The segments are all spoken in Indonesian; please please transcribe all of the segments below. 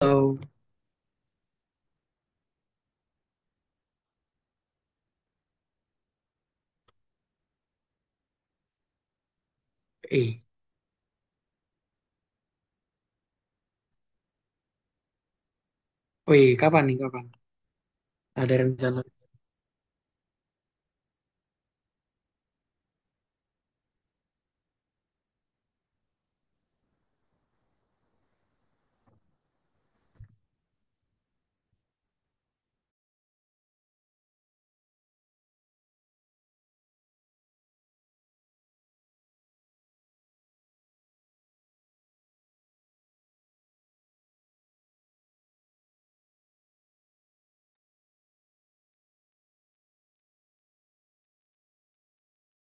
atau eh, oh, kapan nih, kapan? Ada rencana.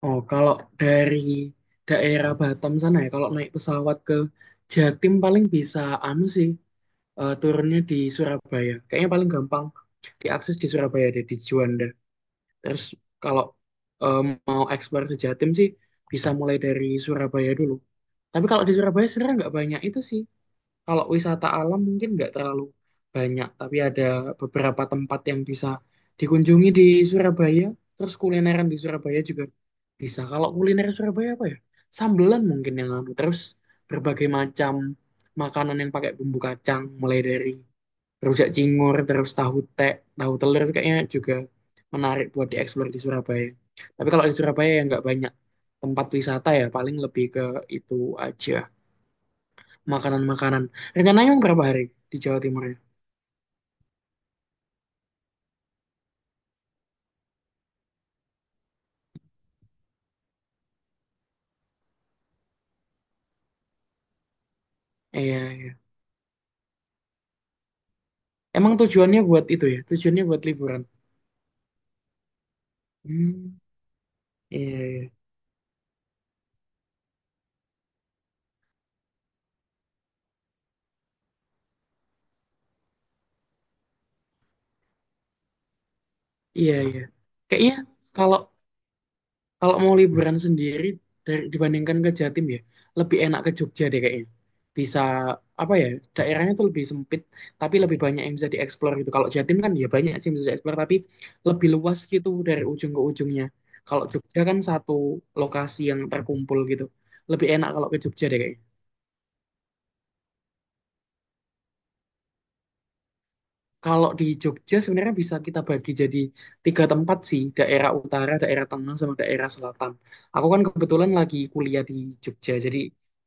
Oh, kalau dari daerah Batam sana ya, kalau naik pesawat ke Jatim paling bisa anu sih, turunnya di Surabaya. Kayaknya paling gampang diakses di Surabaya deh, di Juanda. Terus kalau eh, mau eksplor ke Jatim sih, bisa mulai dari Surabaya dulu. Tapi kalau di Surabaya sebenarnya nggak banyak itu sih. Kalau wisata alam mungkin nggak terlalu banyak, tapi ada beberapa tempat yang bisa dikunjungi di Surabaya. Terus kulineran di Surabaya juga bisa. Kalau kuliner Surabaya apa ya? Sambelan mungkin yang anu. Terus berbagai macam makanan yang pakai bumbu kacang, mulai dari rujak cingur, terus tahu tek, tahu telur itu kayaknya juga menarik buat dieksplor di Surabaya. Tapi kalau di Surabaya ya nggak banyak tempat wisata ya, paling lebih ke itu aja. Makanan-makanan. Rencananya emang berapa hari di Jawa Timur ya? Iya, iya. Emang tujuannya buat itu ya? Tujuannya buat liburan. Hmm, iya, iya. Iya, iya. Kayaknya kalau kalau mau liburan sendiri dibandingkan ke Jatim ya, lebih enak ke Jogja deh kayaknya. Bisa apa ya? Daerahnya tuh lebih sempit, tapi lebih banyak yang bisa dieksplor gitu. Kalau Jatim kan ya banyak sih yang bisa dieksplor, tapi lebih luas gitu dari ujung ke ujungnya. Kalau Jogja kan satu lokasi yang terkumpul gitu. Lebih enak kalau ke Jogja deh kayaknya. Kalau di Jogja sebenarnya bisa kita bagi jadi tiga tempat sih, daerah utara, daerah tengah, sama daerah selatan. Aku kan kebetulan lagi kuliah di Jogja, jadi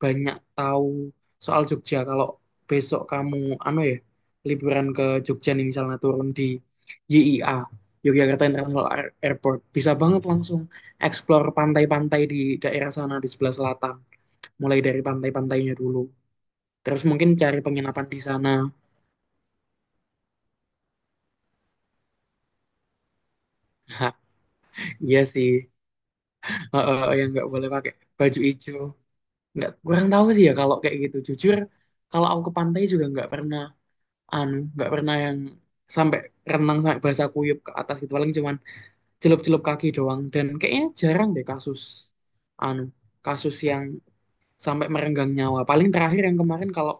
banyak tahu soal Jogja. Kalau besok kamu, anu ya, liburan ke Jogja nih misalnya turun di YIA, Yogyakarta International Airport, bisa banget langsung explore pantai-pantai di daerah sana di sebelah selatan, mulai dari pantai-pantainya dulu. Terus mungkin cari penginapan di sana. Iya sih. Yang nggak boleh pakai baju hijau nggak kurang tahu sih ya kalau kayak gitu, jujur kalau aku ke pantai juga nggak pernah anu, nggak pernah yang sampai renang sampai basah kuyup ke atas gitu, paling cuman celup-celup kaki doang, dan kayaknya jarang deh kasus anu, kasus yang sampai merenggang nyawa. Paling terakhir yang kemarin, kalau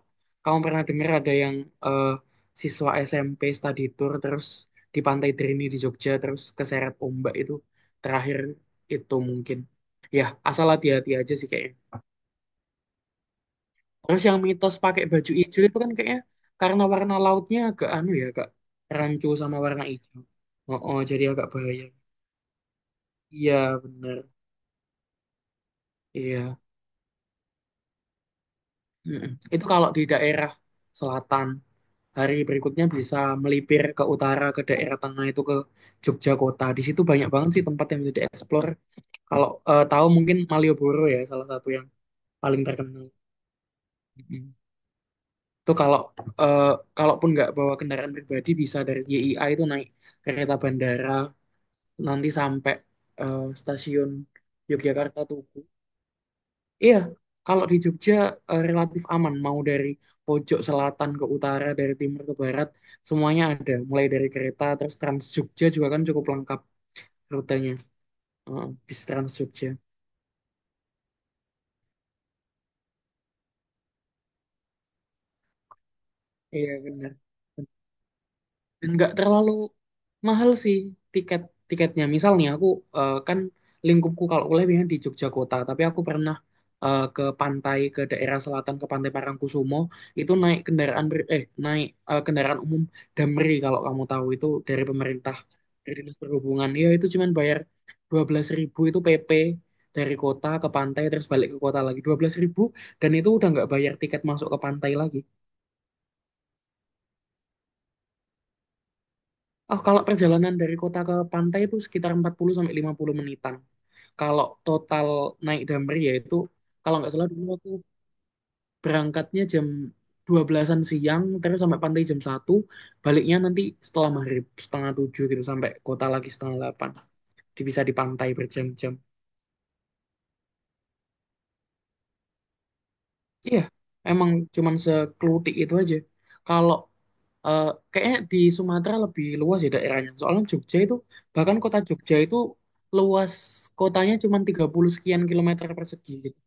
kamu pernah dengar ada yang eh, siswa SMP study tour terus di Pantai Drini di Jogja terus keseret ombak, itu terakhir itu mungkin. Ya, asal hati-hati aja sih kayaknya. Terus yang mitos pakai baju hijau itu kan kayaknya karena warna lautnya agak anu ya, agak rancu sama warna hijau. Oh, oh, jadi agak bahaya. Iya, bener. Iya. Mm-mm. Itu kalau di daerah selatan. Hari berikutnya bisa melipir ke utara ke daerah tengah, itu ke Jogja kota. Di situ banyak banget sih tempat yang bisa dieksplor. Kalau tahu mungkin Malioboro ya salah satu yang paling terkenal. Mm. Itu kalau eh, kalaupun nggak bawa kendaraan pribadi bisa dari YIA itu naik kereta bandara, nanti sampai stasiun Yogyakarta Tugu. Iya, kalau di Jogja relatif aman, mau dari pojok selatan ke utara, dari timur ke barat, semuanya ada. Mulai dari kereta, terus Trans Jogja juga kan cukup lengkap rutenya. Heeh, bis Trans Jogja. Iya benar. Dan nggak terlalu mahal sih tiket tiketnya. Misalnya aku kan lingkupku kalau kuliah biasanya di Jogja kota, tapi aku pernah ke pantai, ke daerah selatan ke Pantai Parangkusumo. Itu naik kendaraan ber- eh naik eh, kendaraan umum Damri, kalau kamu tahu itu, dari pemerintah dari Dinas Perhubungan ya. Itu cuman bayar 12.000, itu PP dari kota ke pantai terus balik ke kota lagi, 12.000, dan itu udah nggak bayar tiket masuk ke pantai lagi. Oh, kalau perjalanan dari kota ke pantai itu sekitar 40 sampai 50 menitan. Kalau total naik Damri ya itu, kalau nggak salah dulu aku berangkatnya jam 12-an siang, terus sampai pantai jam 1. Baliknya nanti setelah maghrib setengah 7 gitu, sampai kota lagi setengah 8. Jadi bisa di pantai berjam-jam. Iya, emang cuman seklutik itu aja. Kalau eh, kayaknya di Sumatera lebih luas ya daerahnya. Soalnya Jogja itu, bahkan kota Jogja itu luas kotanya cuman 30 sekian kilometer persegi gitu.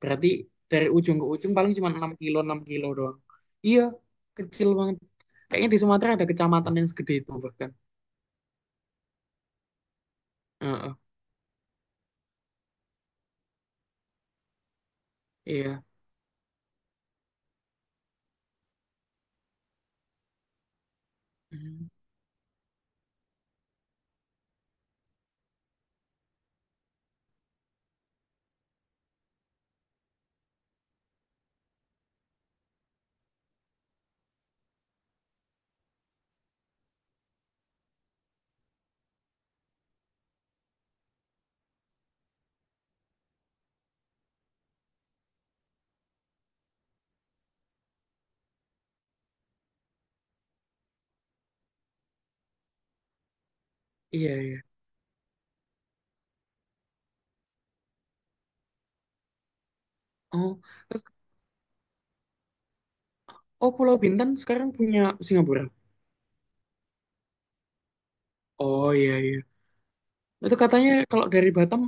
Berarti dari ujung ke ujung paling cuma 6 kilo, 6 kilo doang. Iya, kecil banget. Kayaknya di Sumatera ada kecamatan yang segede itu bahkan. Heeh, iya. Hmm, iya, iya. Oh, eh, oh, Pulau Bintan sekarang punya Singapura. Oh, iya iya. Itu katanya kalau dari Batam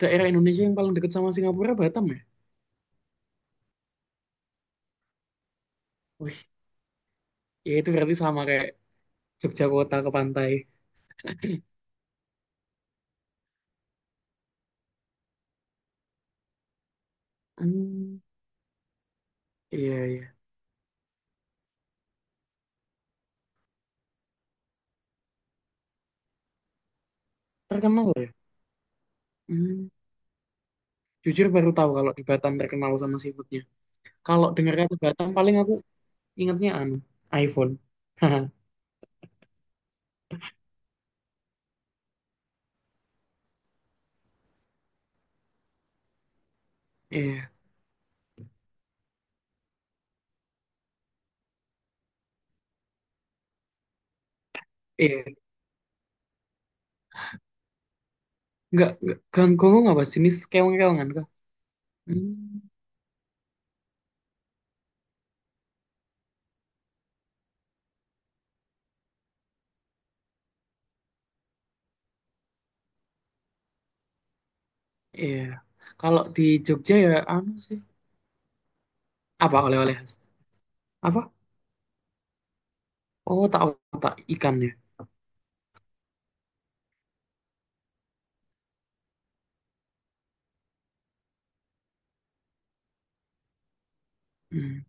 daerah Indonesia yang paling dekat sama Singapura, Batam ya? Wih, ya itu berarti sama kayak Jogja kota ke pantai. Hmm, iya iya. Terkenal ya? Hmm, jujur baru tahu kalau di Batam terkenal sama seafoodnya. Kalau dengar kata Batam paling aku ingatnya anu, iPhone. Haha, iya, iya. Nggak ganggu, apa jenis keong-keongan kah? Hmm, iya. Kalau di Jogja ya anu sih. Apa oleh-oleh khas? Apa? Oh, tak otak ikan ya. Hmm.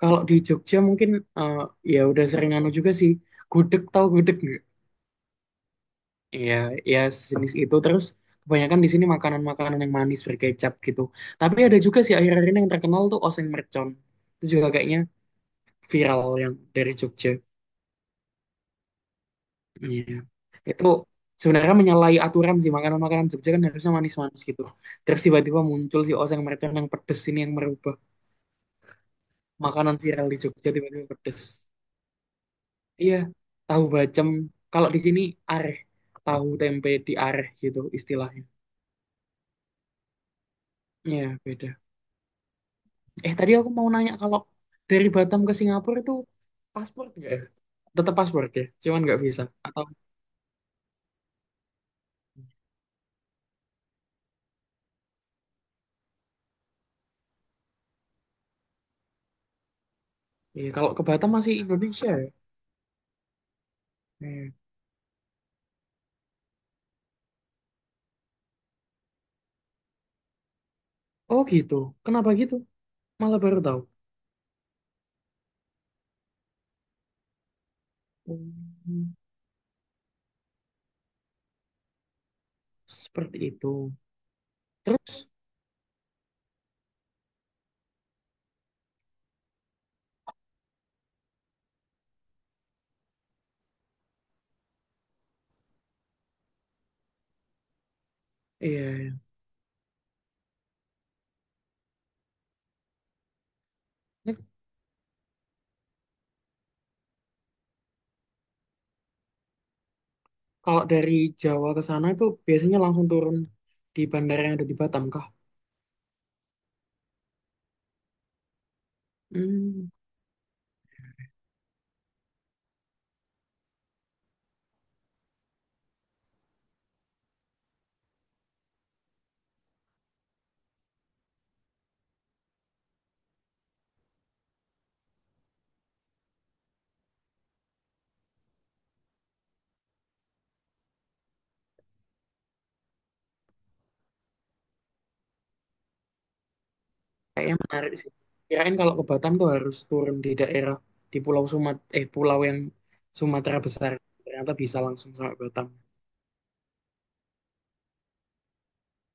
Kalau di Jogja mungkin eh, ya udah sering anu juga sih. Gudeg, tahu gudeg nggak? Iya, ya sejenis itu. Terus kebanyakan di sini makanan-makanan yang manis berkecap gitu. Tapi ada juga sih akhir-akhir ini yang terkenal tuh oseng mercon. Itu juga kayaknya viral yang dari Jogja. Iya. Itu sebenarnya menyalahi aturan sih, makanan-makanan Jogja kan harusnya manis-manis gitu. Terus tiba-tiba muncul si oseng mercon yang pedes ini, yang merubah makanan viral di Jogja tiba-tiba pedes. Iya, tahu bacem. Kalau di sini areh, tahu tempe di areh gitu istilahnya. Iya, beda. Tadi aku mau nanya, kalau dari Batam ke Singapura itu paspor nggak ya? Tetap paspor ya, cuman nggak visa. Atau iya, kalau ke Batam masih Indonesia ya. Iya. Oh gitu. Kenapa gitu? Malah baru tahu. Hmm, seperti itu. Terus, iya. Iya. Ini Kalau dari Jawa ke sana itu biasanya langsung turun di bandara yang ada di Batam kah? Hmm. Kayaknya menarik sih. Kirain kalau ke Batam tuh harus turun di daerah, di Pulau Sumat eh pulau yang Sumatera besar. Ternyata bisa langsung sampai Batam.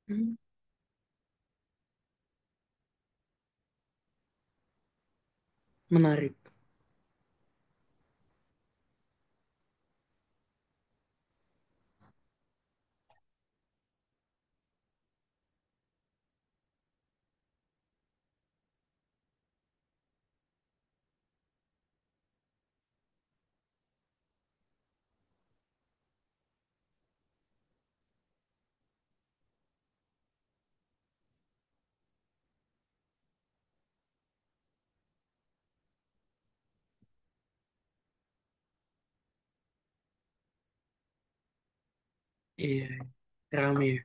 Hmm, menarik. Iya, rame ya.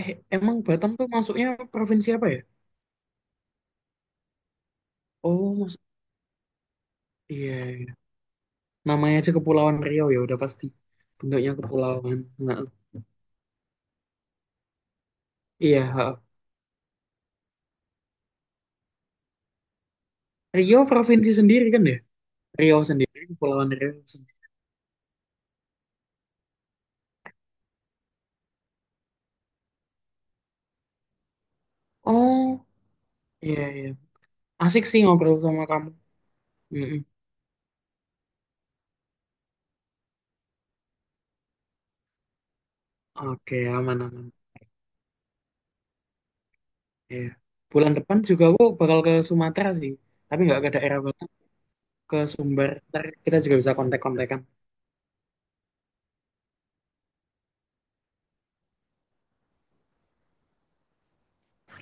Emang Batam tuh masuknya provinsi apa ya? Oh, masuk. Iya, iya. Namanya aja Kepulauan Riau, ya udah pasti. Bentuknya kepulauan. Nah, iya, ha. Riau provinsi sendiri kan ya? Riau sendiri, Kepulauan Riau sendiri. Oh, iya iya. Asik sih ngobrol sama kamu. Mm-mm. Oke, aman aman. Iya. Bulan depan juga aku bakal ke Sumatera sih. Tapi nggak ke daerah Batak, ke Sumber. Ntar kita juga bisa kontak-kontakan.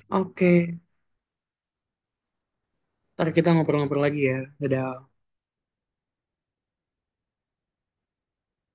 Oke, ntar kita ngobrol-ngobrol lagi ya. Dadah.